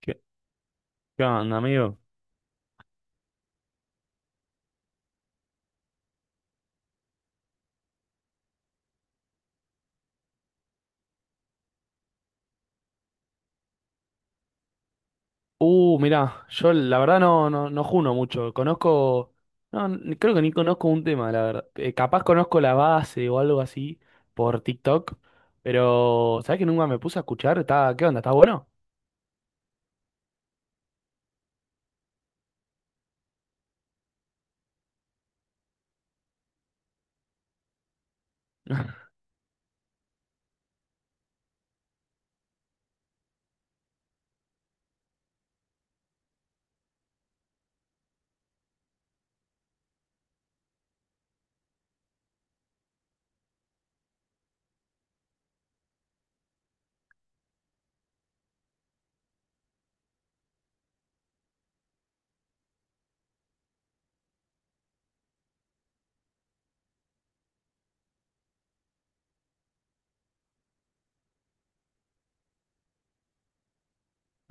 ¿Qué, qué onda, amigo? Mirá, yo la verdad no juno mucho. No, creo que ni conozco un tema, la verdad. Capaz conozco la base o algo así por TikTok, pero ¿sabés que nunca me puse a escuchar? ¿Está, qué onda? ¿Está bueno?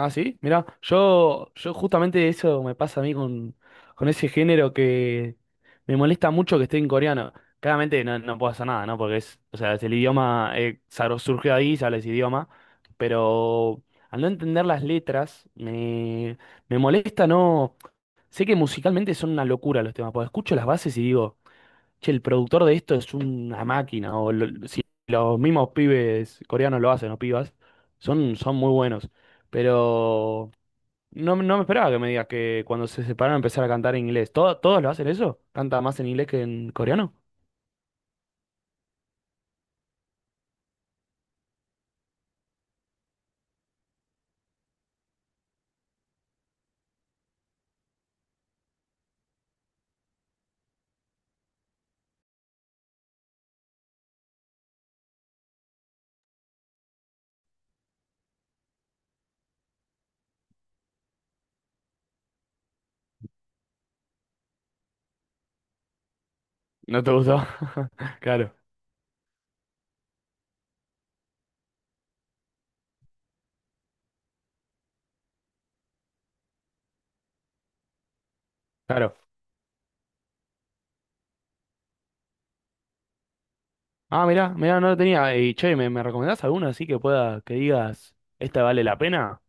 Ah, sí, mira, yo justamente eso me pasa a mí con ese género que me molesta mucho que esté en coreano. Claramente no, no puedo hacer nada, ¿no? Porque es, o sea, es el idioma, surgió ahí, se habla ese idioma, pero al no entender las letras, me molesta, no. Sé que musicalmente son una locura los temas, porque escucho las bases y digo, che, el productor de esto es una máquina, o si los mismos pibes coreanos lo hacen, o pibas, son muy buenos. Pero no, no me esperaba que me digas que cuando se separaron empezar a cantar en inglés. ¿Todos lo hacen eso? ¿Canta más en inglés que en coreano? ¿No te gustó? Claro, claro. Ah, mirá, mirá, no lo tenía. Y che, me recomendás alguna así que pueda, que digas, esta vale la pena?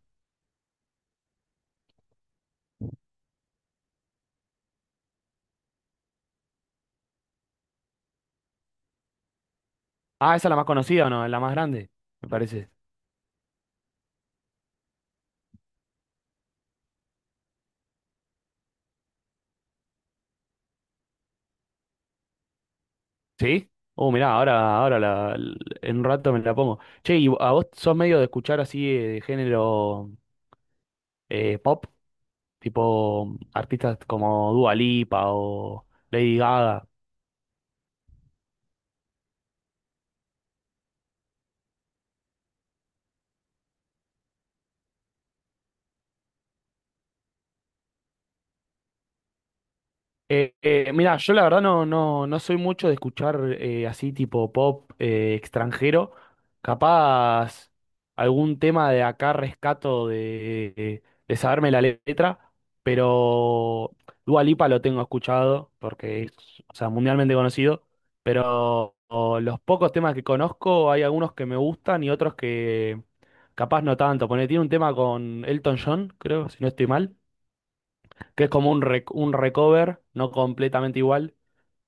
Ah, esa es la más conocida o no, es la más grande, me parece. ¿Sí? Oh, mirá, ahora en un rato me la pongo. Che, ¿y a vos sos medio de escuchar así de género pop? Tipo artistas como Dua Lipa o Lady Gaga. Mira, yo la verdad no soy mucho de escuchar así tipo pop extranjero. Capaz algún tema de acá rescato de saberme la letra, pero Dua Lipa lo tengo escuchado porque es, o sea, mundialmente conocido. Pero o, los pocos temas que conozco, hay algunos que me gustan y otros que capaz no tanto. Porque tiene un tema con Elton John, creo, si no estoy mal, que es como un, un recover, no completamente igual,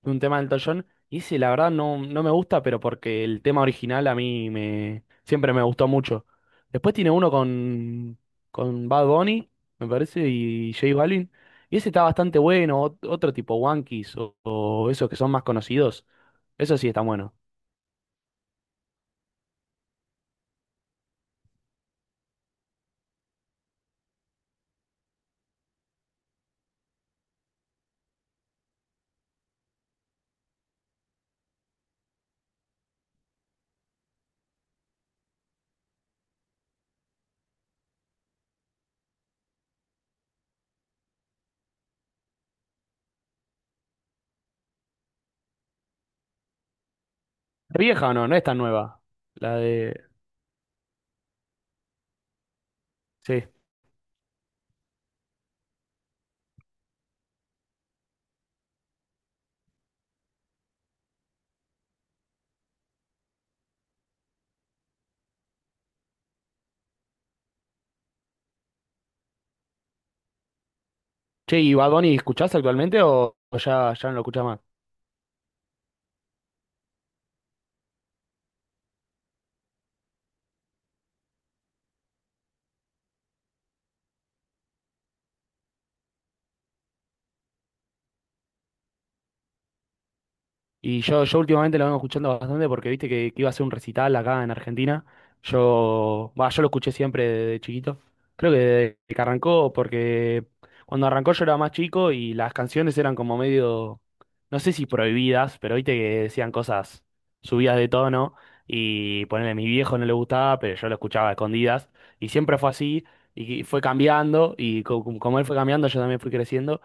de un tema del Elton. Y ese, la verdad, no, no me gusta, pero porque el tema original a mí siempre me gustó mucho. Después tiene uno con Bad Bunny, me parece, y J Balvin. Y ese está bastante bueno, otro tipo, Wankees o esos que son más conocidos. Eso sí está bueno. ¿Es vieja o no? No es tan nueva. La de... Sí. Che, ¿y Bad Bunny escuchás actualmente o ya, ya no lo escuchás más? Y yo últimamente lo vengo escuchando bastante porque viste que iba a hacer un recital acá en Argentina. Yo, bah, yo lo escuché siempre desde chiquito. Creo que desde que arrancó, porque cuando arrancó yo era más chico y las canciones eran como medio, no sé si prohibidas, pero viste que decían cosas subidas de tono. Y ponerle a mi viejo no le gustaba, pero yo lo escuchaba a escondidas. Y siempre fue así, y fue cambiando. Y como él fue cambiando, yo también fui creciendo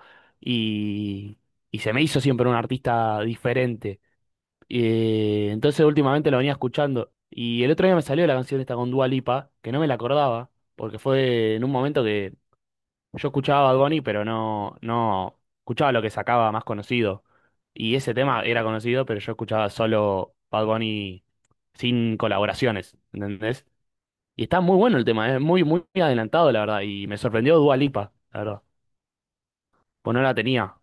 y se me hizo siempre un artista diferente. Entonces últimamente lo venía escuchando. Y el otro día me salió la canción esta con Dua Lipa, que no me la acordaba, porque fue en un momento que yo escuchaba a Bad Bunny, pero no, no escuchaba lo que sacaba más conocido. Y ese tema era conocido, pero yo escuchaba solo Bad Bunny sin colaboraciones, ¿entendés? Y está muy bueno el tema, es muy, muy adelantado, la verdad. Y me sorprendió Dua Lipa, la verdad. Pues no la tenía.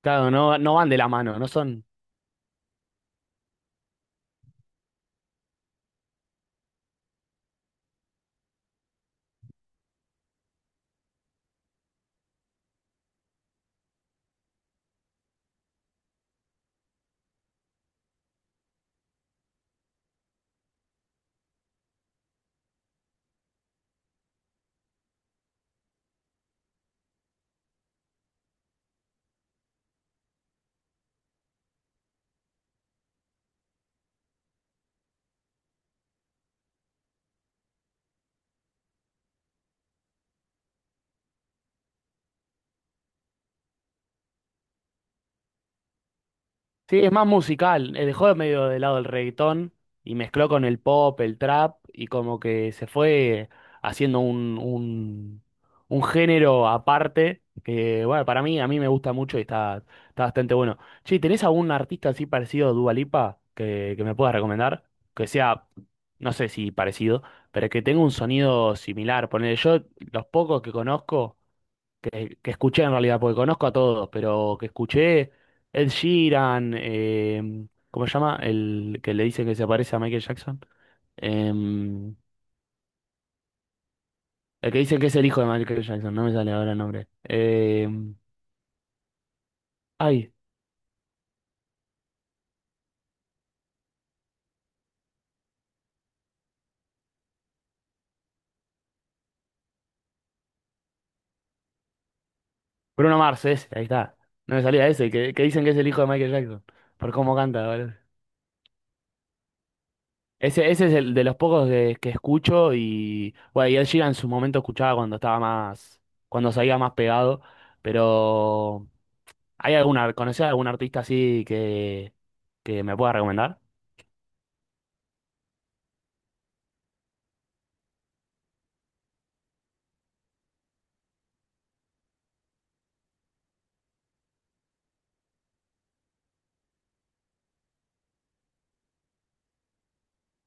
Claro, no, no van de la mano, no son. Sí, es más musical. Dejó de medio de lado el reggaetón y mezcló con el pop, el trap y como que se fue haciendo un género aparte que, bueno, para mí, a mí me gusta mucho y está, está bastante bueno. Che, ¿tenés algún artista así parecido a Dua Lipa que me puedas recomendar? Que sea, no sé si parecido, pero que tenga un sonido similar. Ponele, yo los pocos que conozco que escuché en realidad, porque conozco a todos, pero que escuché Ed Sheeran, ¿cómo se llama? El que le dicen que se parece a Michael Jackson. Em, el que dicen que es el hijo de Michael Jackson, no me sale ahora el nombre. Ay, Bruno Mars, ese, ahí está. No me salía ese, que dicen que es el hijo de Michael Jackson, por cómo canta, boludo. Ese es el de los pocos que escucho y, bueno, y Ed Sheeran en su momento escuchaba cuando estaba más, cuando salía más pegado, pero... ¿Hay alguna, conocés algún artista así que me pueda recomendar?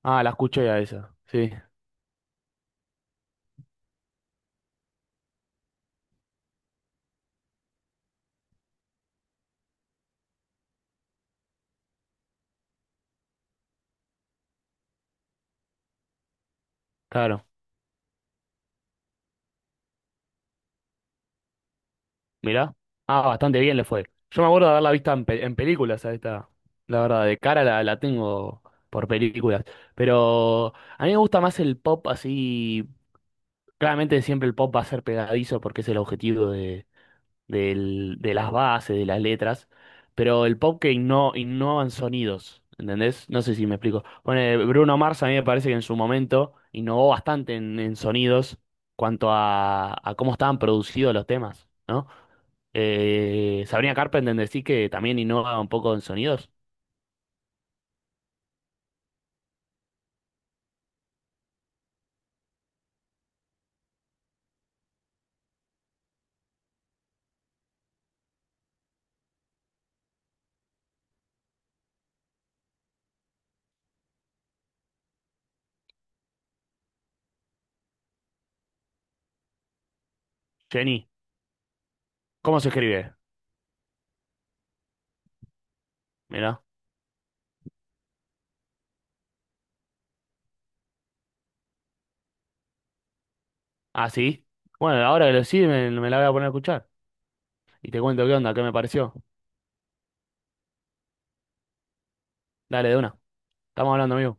Ah, la escuché a esa. Sí, claro. Mirá. Ah, bastante bien le fue. Yo me acuerdo de haberla visto en, en películas a esta. La verdad, de cara la tengo por películas. Pero a mí me gusta más el pop así. Claramente siempre el pop va a ser pegadizo porque es el objetivo de las bases, de las letras, pero el pop que innova en sonidos, ¿entendés? No sé si me explico. Bueno, Bruno Mars a mí me parece que en su momento innovó bastante en sonidos cuanto a cómo estaban producidos los temas, ¿no? Sabrina Carpenter decís que también innova un poco en sonidos. Jenny, ¿cómo se escribe? Mirá. Ah, sí. Bueno, ahora que lo sí, me la voy a poner a escuchar. Y te cuento qué onda, qué me pareció. Dale, de una. Estamos hablando, amigo.